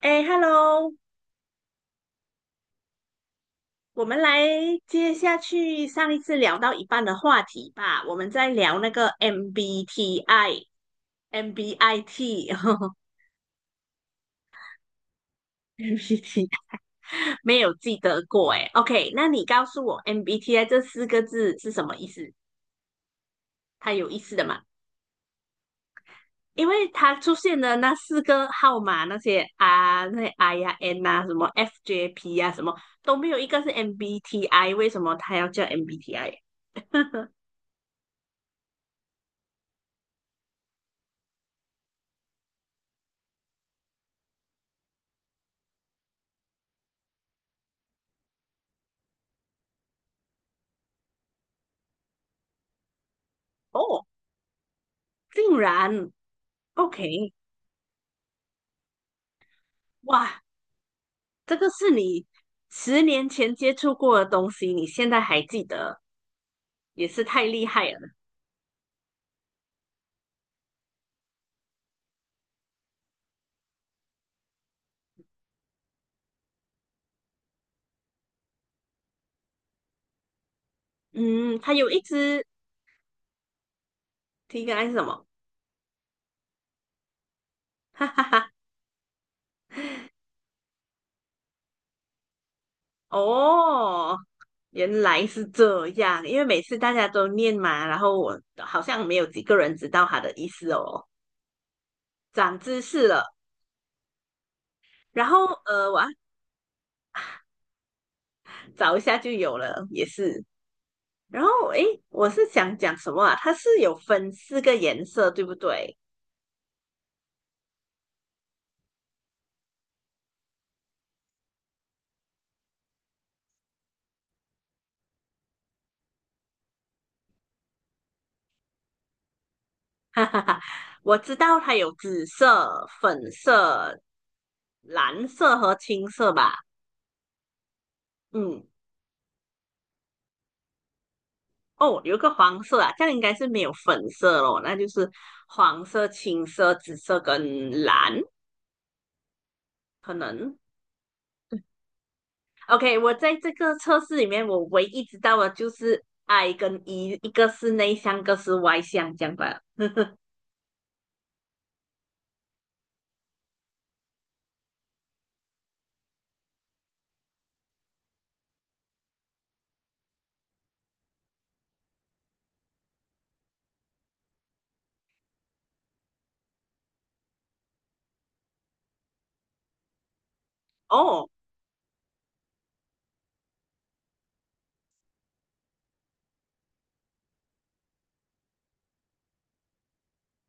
哎，Hello，我们来接下去上一次聊到一半的话题吧。我们在聊那个 MBTI、MBIT 呵呵、MBT，没有记得过哎。OK，那你告诉我 MBTI 这四个字是什么意思？它有意思的吗？因为它出现的那四个号码，那些 R、那些 I 呀、N 啊、什么 FJP 呀、啊、什么都没有一个是 MBTI，为什么它要叫 MBTI？哦，竟然。OK。哇，这个是你十年前接触过的东西，你现在还记得，也是太厉害了。嗯，它有一只题干是什么？哈哈哈。哦，原来是这样，因为每次大家都念嘛，然后我好像没有几个人知道它的意思哦，长知识了。然后我要找一下就有了，也是。然后诶，我是想讲什么啊？它是有分四个颜色，对不对？我知道它有紫色、粉色、蓝色和青色吧？嗯，哦，有一个黄色啊，这样应该是没有粉色咯，那就是黄色、青色、紫色跟蓝，可能。OK，我在这个测试里面，我唯一知道的就是 I 跟 E，一个是内向，一个是外向，这样吧。哦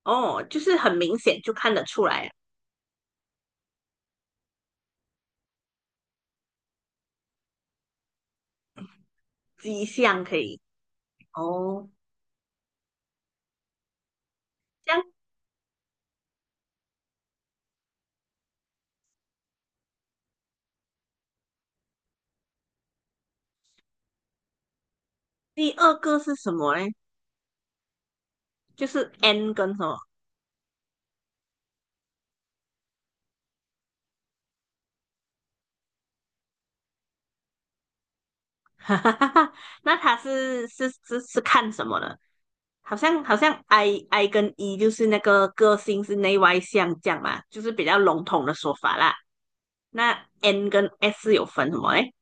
哦，就是很明显就看得出来，啊迹象可以。哦，这样第二个是什么呢？就是 N 跟什么？哈哈哈哈。那他是看什么的？好像 I 跟 E 就是那个个性是内外向这样嘛，就是比较笼统的说法啦。那 N 跟 S 是有分什么嘞？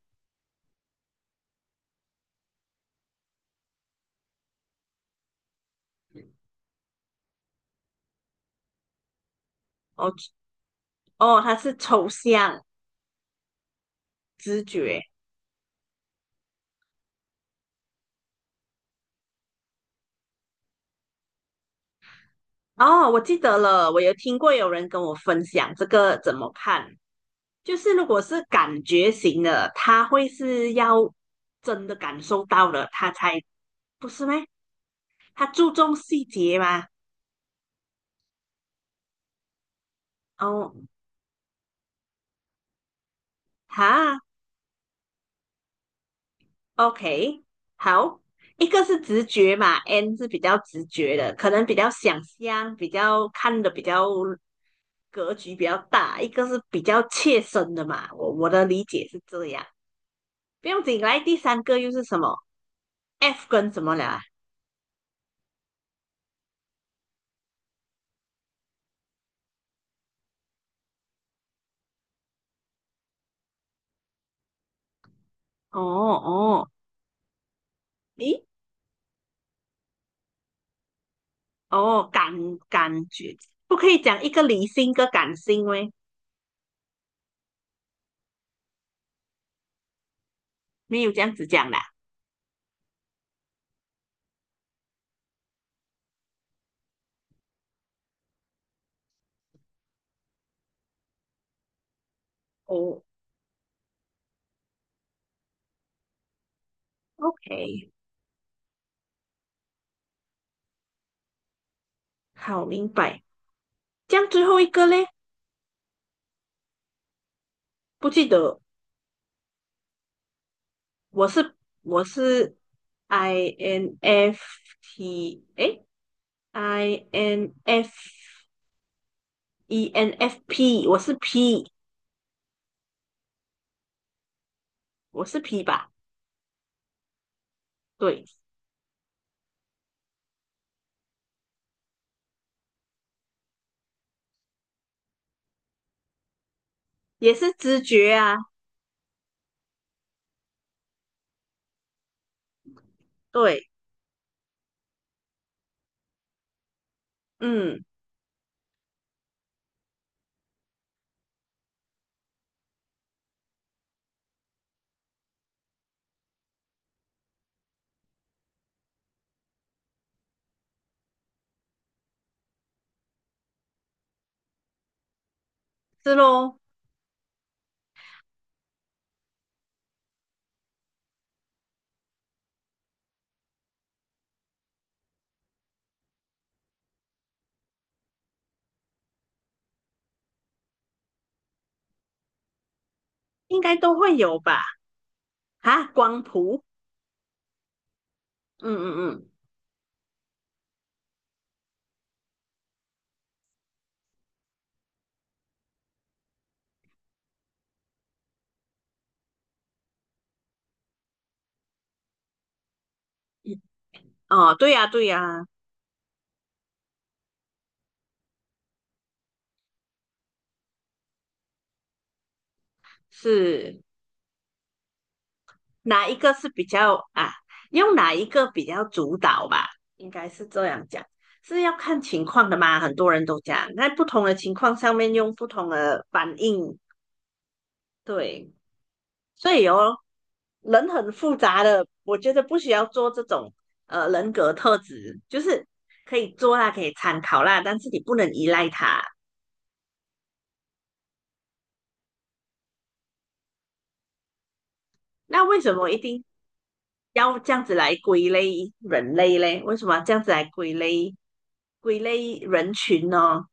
哦哦，它是抽象知觉。哦，我记得了，我有听过有人跟我分享这个怎么看，就是如果是感觉型的，他会是要真的感受到了，他才不是咩？他注重细节吗？哦，哈，OK，好，一个是直觉嘛，N 是比较直觉的，可能比较想象，比较看的比较格局比较大；一个是比较切身的嘛。我的理解是这样，不用紧。来，第三个又是什么？F 跟什么了？啊，哦哦，咦，哦，感觉不可以讲一个理性，一个感性喂，没有这样子讲的啊？哦，OK，好，明白。这样最后一个嘞，不记得，我是我是 INFT，哎 i n f e n f p 我是 P，我是 P 吧？对，也是直觉啊。对，嗯，是咯，应该都会有吧？啊，光谱，嗯嗯嗯，哦，对呀、对呀、是。哪一个是比较啊？用哪一个比较主导吧？应该是这样讲，是要看情况的嘛。很多人都讲，在不同的情况上面用不同的反应，对，所以哦，人很复杂的，我觉得不需要做这种人格特质，就是可以做啦，可以参考啦，但是你不能依赖它。那为什么一定要这样子来归类人类嘞？为什么要这样子来归类人群呢？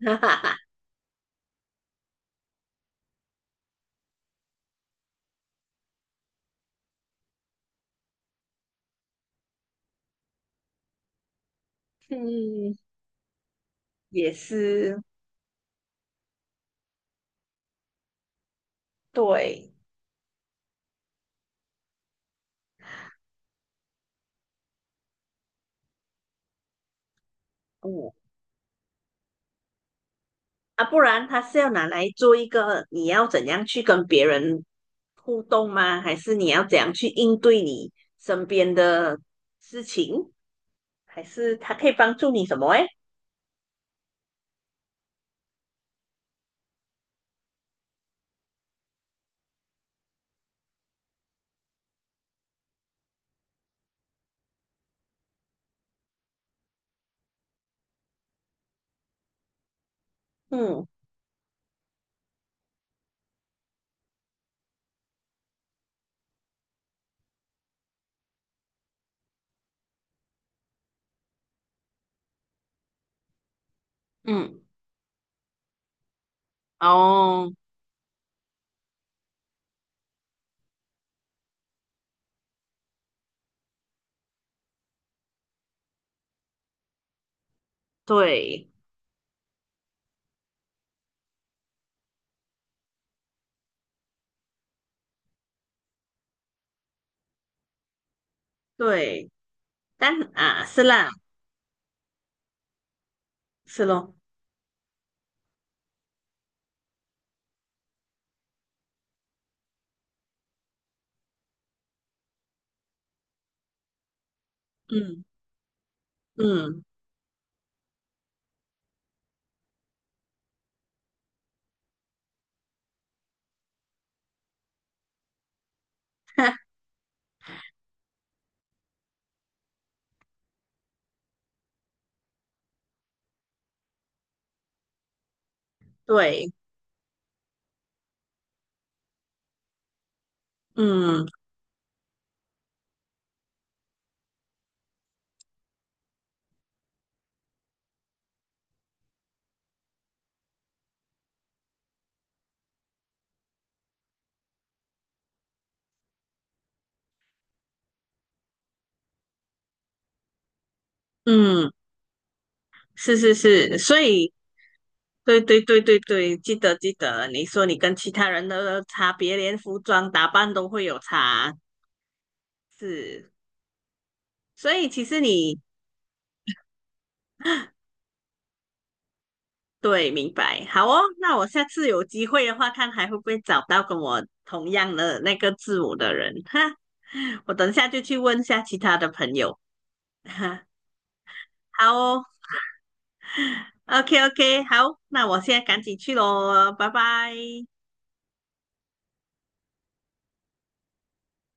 哈哈哈，嗯，也是对。嗯，啊，不然他是要拿来做一个你要怎样去跟别人互动吗？还是你要怎样去应对你身边的事情？还是他可以帮助你什么？诶，嗯嗯，哦，对对，但啊是啦，是咯，嗯嗯，对，嗯嗯，是是是，所以。对对对对对，记得记得，你说你跟其他人的差别，连服装打扮都会有差，是，所以其实你对，明白，好哦，那我下次有机会的话，看还会不会找到跟我同样的那个字母的人，哈，我等下就去问一下其他的朋友，哈，好哦，OK OK，好，那我现在赶紧去喽，拜拜。